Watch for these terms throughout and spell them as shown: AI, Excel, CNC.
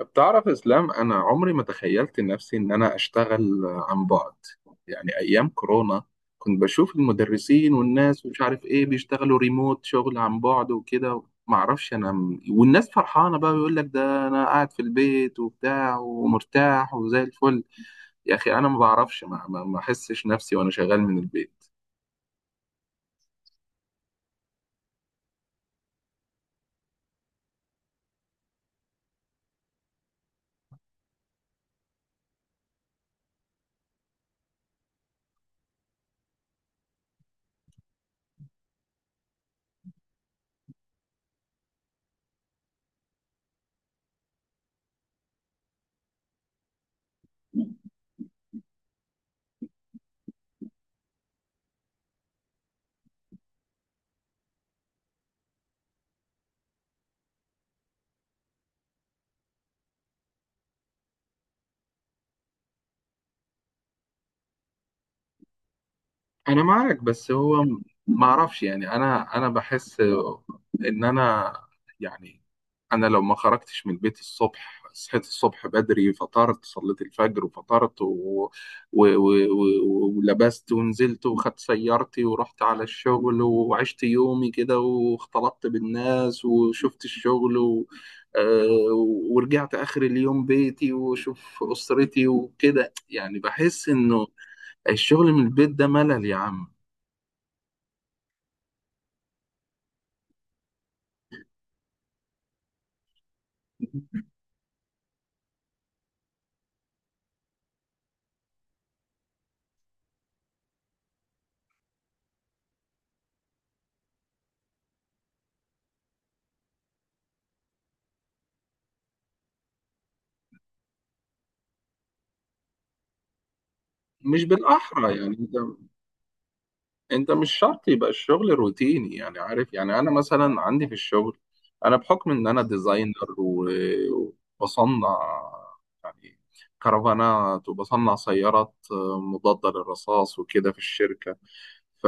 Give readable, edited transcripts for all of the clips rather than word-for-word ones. بتعرف اسلام؟ انا عمري ما تخيلت نفسي ان انا اشتغل عن بعد. يعني ايام كورونا كنت بشوف المدرسين والناس ومش عارف ايه بيشتغلوا ريموت شغل عن بعد وكده، ما اعرفش انا، والناس فرحانه بقى، بيقول لك ده انا قاعد في البيت وبتاع ومرتاح وزي الفل. يا اخي انا ما بعرفش، ما احسش نفسي وانا شغال من البيت. انا معاك، بس هو ما اعرفش يعني، انا بحس ان انا، يعني انا لو ما خرجتش من البيت الصبح، صحيت الصبح بدري، فطرت، صليت الفجر وفطرت ولبست ونزلت وخدت سيارتي ورحت على الشغل وعشت يومي كده واختلطت بالناس وشفت الشغل و... آه، ورجعت آخر اليوم بيتي وشوف أسرتي وكده، يعني بحس إنه الشغل من البيت ده ملل يا عم. مش بالاحرى يعني انت، مش شرط يبقى الشغل روتيني، يعني عارف، يعني انا مثلا عندي في الشغل، انا بحكم ان انا ديزاينر وبصنع يعني كرفانات، وبصنع سيارات مضادة للرصاص وكده في الشركة ف...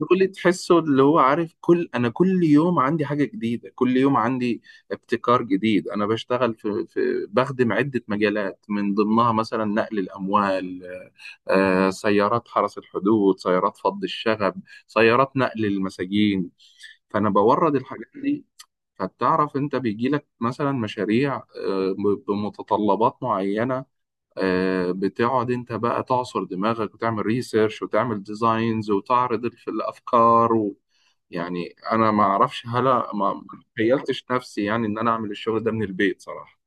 دول تحسه اللي هو عارف، كل، انا كل يوم عندي حاجه جديده، كل يوم عندي ابتكار جديد. انا بشتغل في, في بخدم عده مجالات، من ضمنها مثلا نقل الاموال، سيارات حرس الحدود، سيارات فض الشغب، سيارات نقل المساجين. فانا بورد الحاجات دي، فتعرف انت بيجي لك مثلا مشاريع بمتطلبات معينه، بتقعد انت بقى تعصر دماغك وتعمل ريسيرش وتعمل ديزاينز وتعرض الافكار. يعني انا ما اعرفش، هلا ما تخيلتش نفسي يعني ان انا اعمل الشغل ده من البيت صراحه.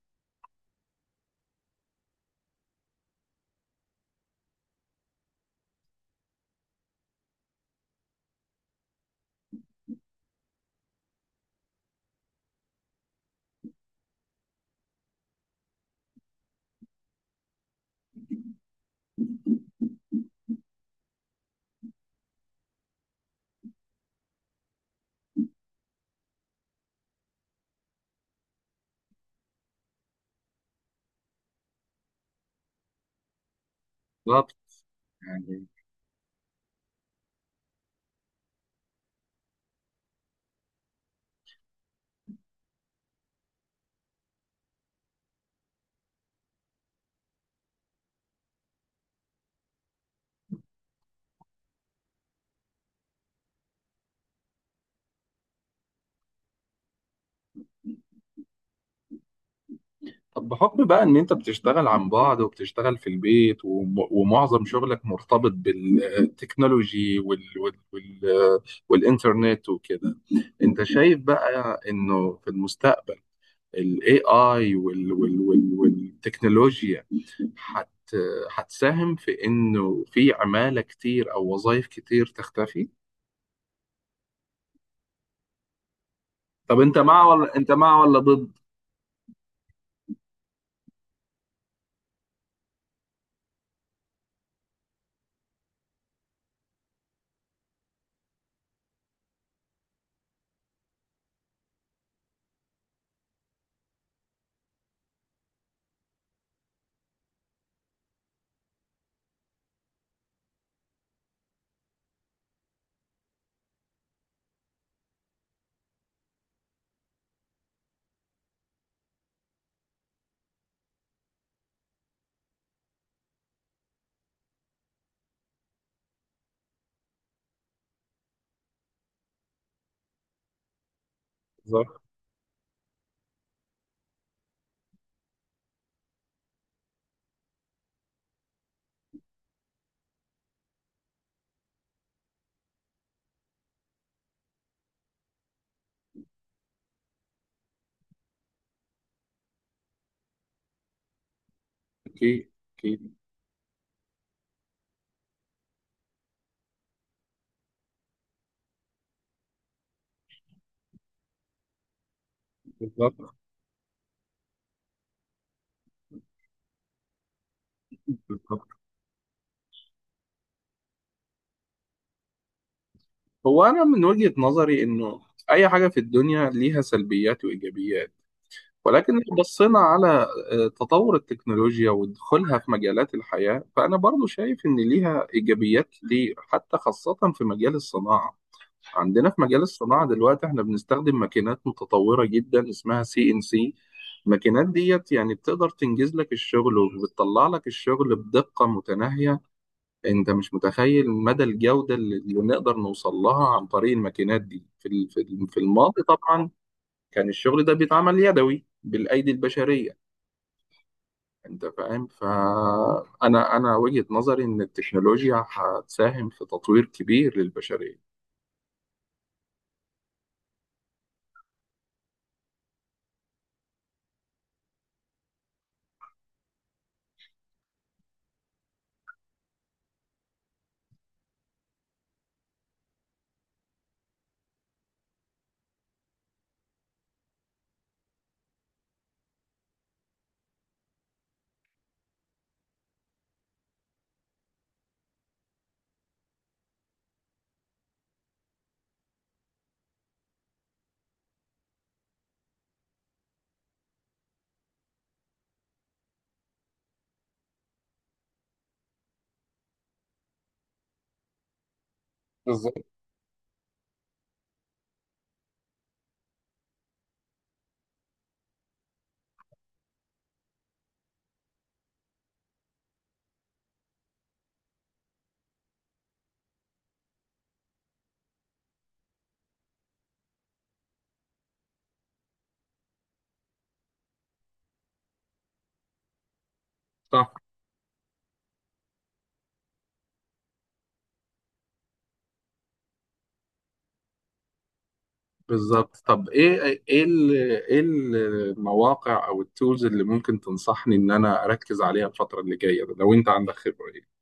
بالظبط، يعني، طب بحكم بقى ان انت بتشتغل عن بعد وبتشتغل في البيت ومعظم شغلك مرتبط بالتكنولوجي والانترنت وكده، انت شايف بقى انه في المستقبل الاي اي والتكنولوجيا حت هتساهم في انه في عمالة كتير او وظائف كتير تختفي؟ طب انت مع ولا انت مع ولا ضد؟ بالظبط. اكيد، اكيد. بالظبط، بالظبط. هو انا من وجهة نظري، انه اي حاجة في الدنيا ليها سلبيات وايجابيات، ولكن لو بصينا على تطور التكنولوجيا ودخولها في مجالات الحياة، فأنا برضو شايف إن ليها إيجابيات كتير، حتى خاصة في مجال الصناعة. عندنا في مجال الصناعة دلوقتي احنا بنستخدم ماكينات متطورة جدا اسمها CNC. الماكينات ديت يعني بتقدر تنجز لك الشغل وبتطلع لك الشغل بدقة متناهية، انت مش متخيل مدى الجودة اللي نقدر نوصل لها عن طريق الماكينات دي. في الماضي طبعا كان الشغل ده بيتعمل يدوي بالأيدي البشرية، انت فاهم. فأنا، وجهة نظري إن التكنولوجيا هتساهم في تطوير كبير للبشرية. بالظبط. صح. بالظبط. طب ايه، ايه ال- ايه المواقع او التولز اللي ممكن تنصحني ان انا اركز عليها الفتره اللي جايه، لو انت عندك خبره؟ ايه.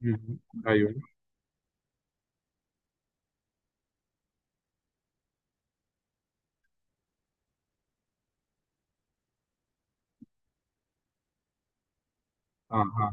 مم. ايوه. اه. آه.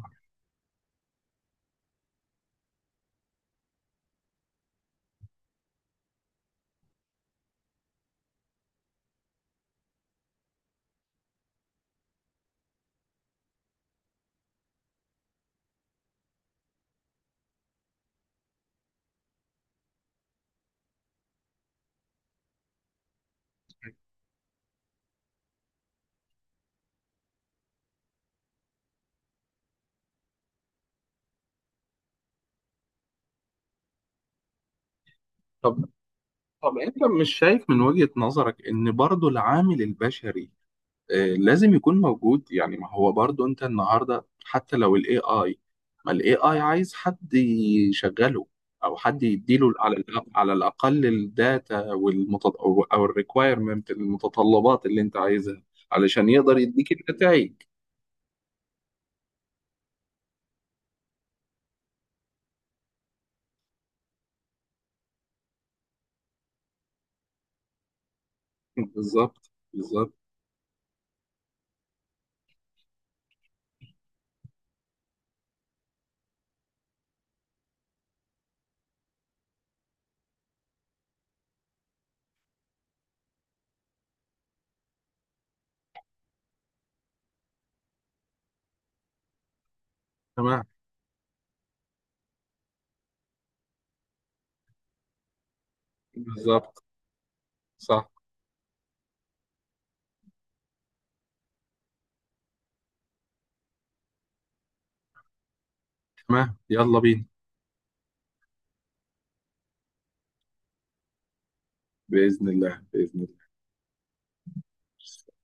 طب، انت مش شايف من وجهه نظرك ان برضو العامل البشري، لازم يكون موجود؟ يعني ما هو برضو، انت النهارده حتى لو الاي اي، ما الاي اي عايز حد يشغله، او حد يديله على على الاقل الداتا، او أو الريكوايرمنت، المتطلبات اللي انت عايزها علشان يقدر يديك النتائج. بالظبط، بالظبط. تمام. بالظبط. صح. تمام، يلا بينا. باذن الله، باذن الله.